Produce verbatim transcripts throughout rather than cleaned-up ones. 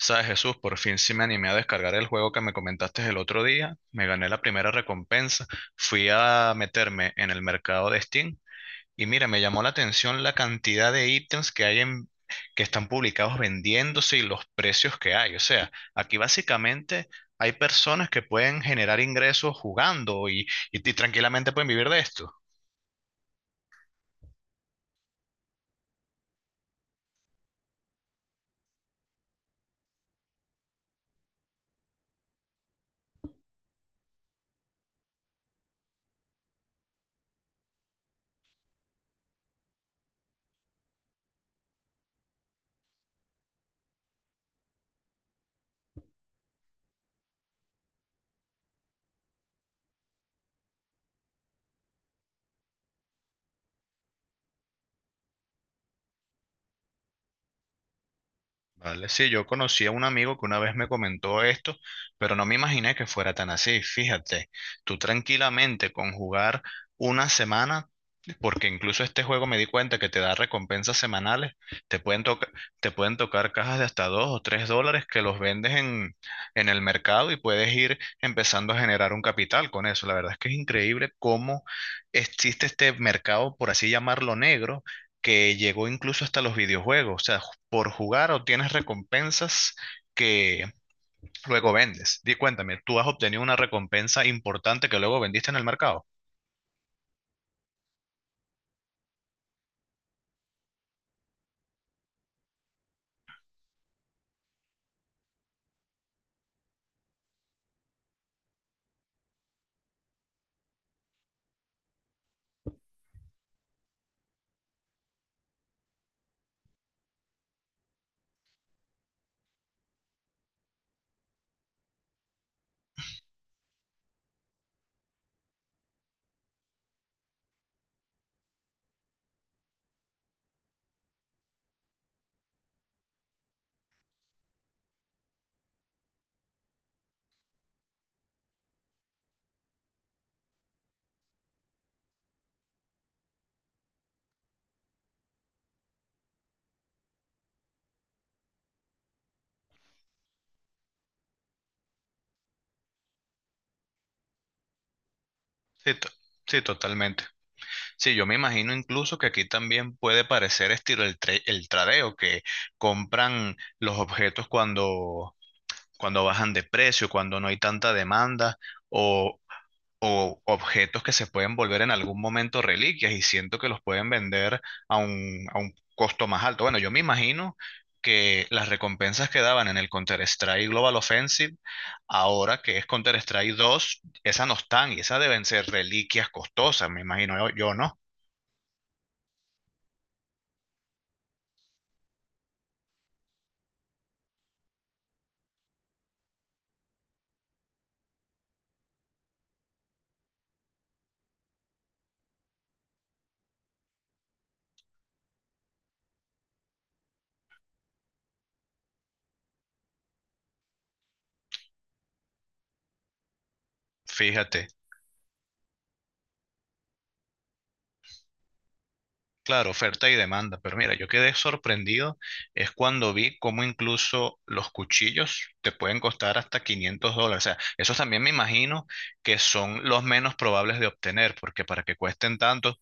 Sabes, Jesús, por fin sí me animé a descargar el juego que me comentaste el otro día. Me gané la primera recompensa. Fui a meterme en el mercado de Steam y mira, me llamó la atención la cantidad de ítems que hay en, que están publicados vendiéndose y los precios que hay. O sea, aquí básicamente hay personas que pueden generar ingresos jugando y, y y tranquilamente pueden vivir de esto. Vale, sí, yo conocí a un amigo que una vez me comentó esto, pero no me imaginé que fuera tan así. Fíjate, tú tranquilamente con jugar una semana porque incluso este juego me di cuenta que te da recompensas semanales. Te pueden toca- Te pueden tocar cajas de hasta dos o tres dólares que los vendes en, en el mercado y puedes ir empezando a generar un capital con eso. La verdad es que es increíble cómo existe este mercado, por así llamarlo, negro, que llegó incluso hasta los videojuegos. O sea, ju- por jugar obtienes recompensas que luego vendes. Di cuéntame, ¿tú has obtenido una recompensa importante que luego vendiste en el mercado? Sí, to- sí, totalmente. Sí, yo me imagino incluso que aquí también puede parecer estilo el, tra- el tradeo, que compran los objetos cuando, cuando bajan de precio, cuando no hay tanta demanda, o, o objetos que se pueden volver en algún momento reliquias y siento que los pueden vender a un, a un costo más alto. Bueno, yo me imagino que las recompensas que daban en el Counter-Strike Global Offensive, ahora que es Counter-Strike dos, esas no están y esas deben ser reliquias costosas, me imagino yo, yo, ¿no? Fíjate, claro, oferta y demanda, pero mira, yo quedé sorprendido es cuando vi cómo incluso los cuchillos te pueden costar hasta quinientos dólares. O sea, esos también me imagino que son los menos probables de obtener, porque para que cuesten tanto,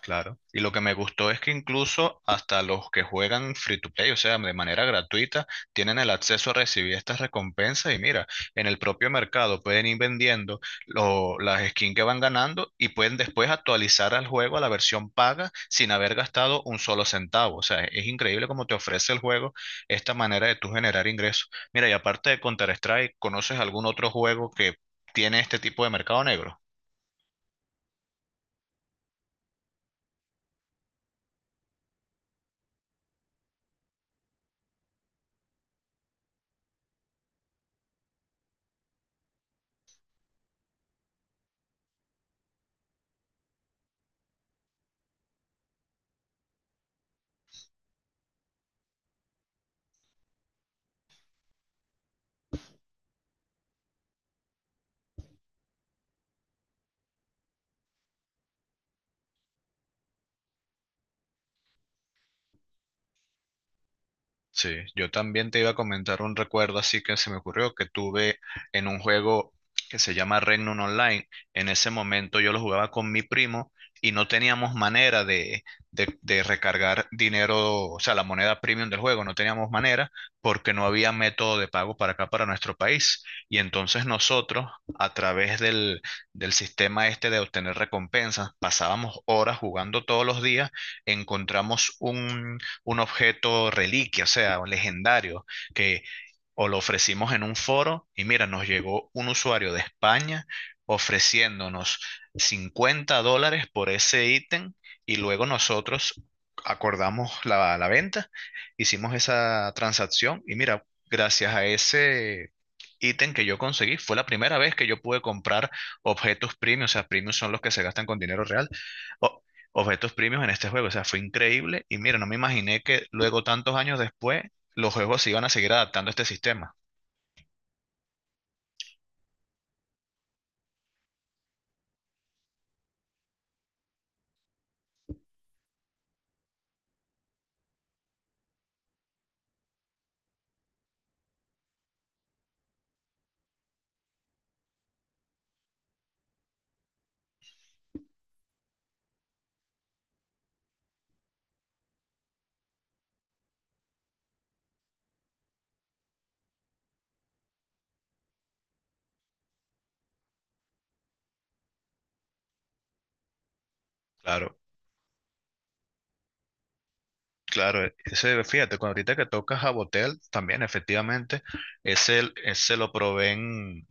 claro. Y lo que me gustó es que incluso hasta los que juegan free to play, o sea, de manera gratuita, tienen el acceso a recibir estas recompensas y mira, en el propio mercado pueden ir vendiendo lo- las skins que van ganando y pueden después actualizar al juego a la versión paga sin haber gastado un solo centavo. O sea, es increíble cómo te ofrece el juego esta manera de tú generar ingresos. Mira, y aparte de Counter-Strike, ¿conoces algún otro juego que tiene este tipo de mercado negro? Sí, yo también te iba a comentar un recuerdo así que se me ocurrió que tuve en un juego que se llama Regnum Online. En ese momento yo lo jugaba con mi primo y no teníamos manera de, de, de recargar dinero, o sea, la moneda premium del juego, no teníamos manera porque no había método de pago para acá, para nuestro país. Y entonces nosotros, a través del, del sistema este de obtener recompensas, pasábamos horas jugando todos los días, encontramos un un objeto reliquia, o sea, un legendario, que o lo ofrecimos en un foro y mira, nos llegó un usuario de España ofreciéndonos cincuenta dólares por ese ítem y luego nosotros acordamos la, la venta, hicimos esa transacción y mira, gracias a ese ítem que yo conseguí, fue la primera vez que yo pude comprar objetos premium, o sea, premium son los que se gastan con dinero real. o- Objetos premium en este juego, o sea, fue increíble y mira, no me imaginé que luego tantos años después los juegos se iban a seguir adaptando a este sistema. Claro, claro. e- Ese, fíjate, cuando ahorita que tocas a Botel, también efectivamente, ese, ese lo probé en,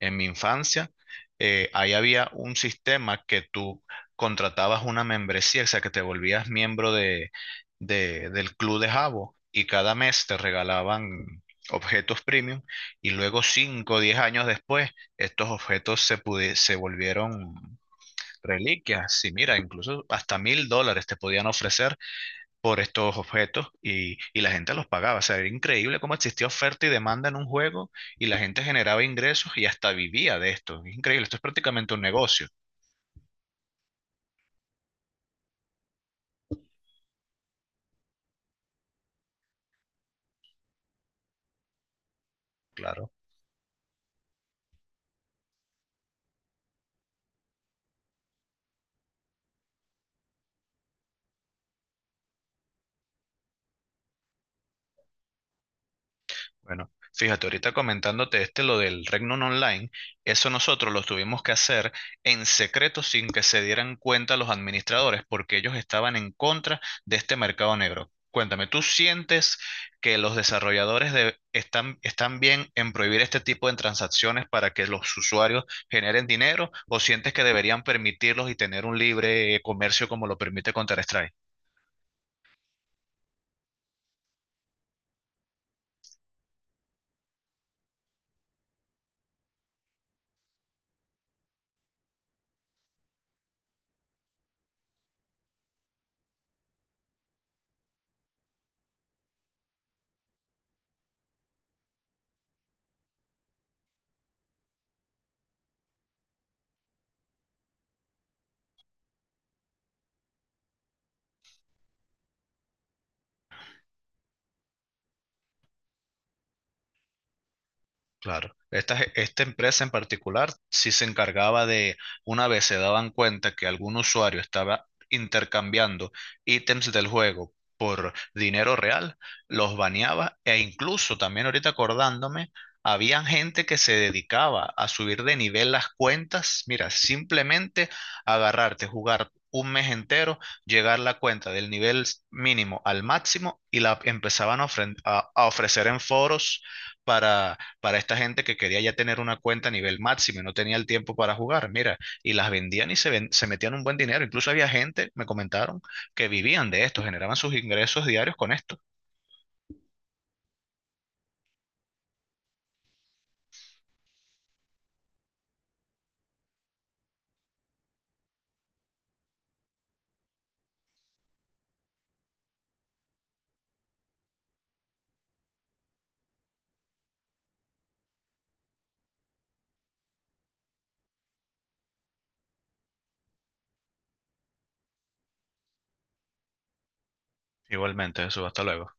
en mi infancia. Eh, ahí había un sistema que tú contratabas una membresía, o sea, que te volvías miembro de, de- del club de Jabo y cada mes te regalaban objetos premium y luego cinco o diez años después estos objetos se, pudi- se volvieron reliquias, sí, mira, incluso hasta mil dólares te podían ofrecer por estos objetos y, y la gente los pagaba. O sea, era increíble cómo existía oferta y demanda en un juego y la gente generaba ingresos y hasta vivía de esto. Es increíble, esto es prácticamente un negocio, claro. Bueno, fíjate, ahorita comentándote este lo del Regnum Online, eso nosotros lo tuvimos que hacer en secreto sin que se dieran cuenta los administradores, porque ellos estaban en contra de este mercado negro. Cuéntame, ¿tú sientes que los desarrolladores de- están, están bien en prohibir este tipo de transacciones para que los usuarios generen dinero o sientes que deberían permitirlos y tener un libre comercio como lo permite Counter-Strike? Claro. Esta, ge- esta empresa en particular sí se encargaba de, una vez se daban cuenta que algún usuario estaba intercambiando ítems del juego por dinero real, los baneaba e incluso también ahorita acordándome, habían gente que se dedicaba a subir de nivel las cuentas. Mira, simplemente agarrarte, jugar un mes entero, llegar la cuenta del nivel mínimo al máximo y la empezaban a ofren- a- a ofrecer en foros para esta gente que quería ya tener una cuenta a nivel máximo y no tenía el tiempo para jugar, mira, y las vendían y se, ven- se metían un buen dinero. Incluso había gente, me comentaron, que vivían de esto, generaban sus ingresos diarios con esto. Igualmente, eso, hasta luego.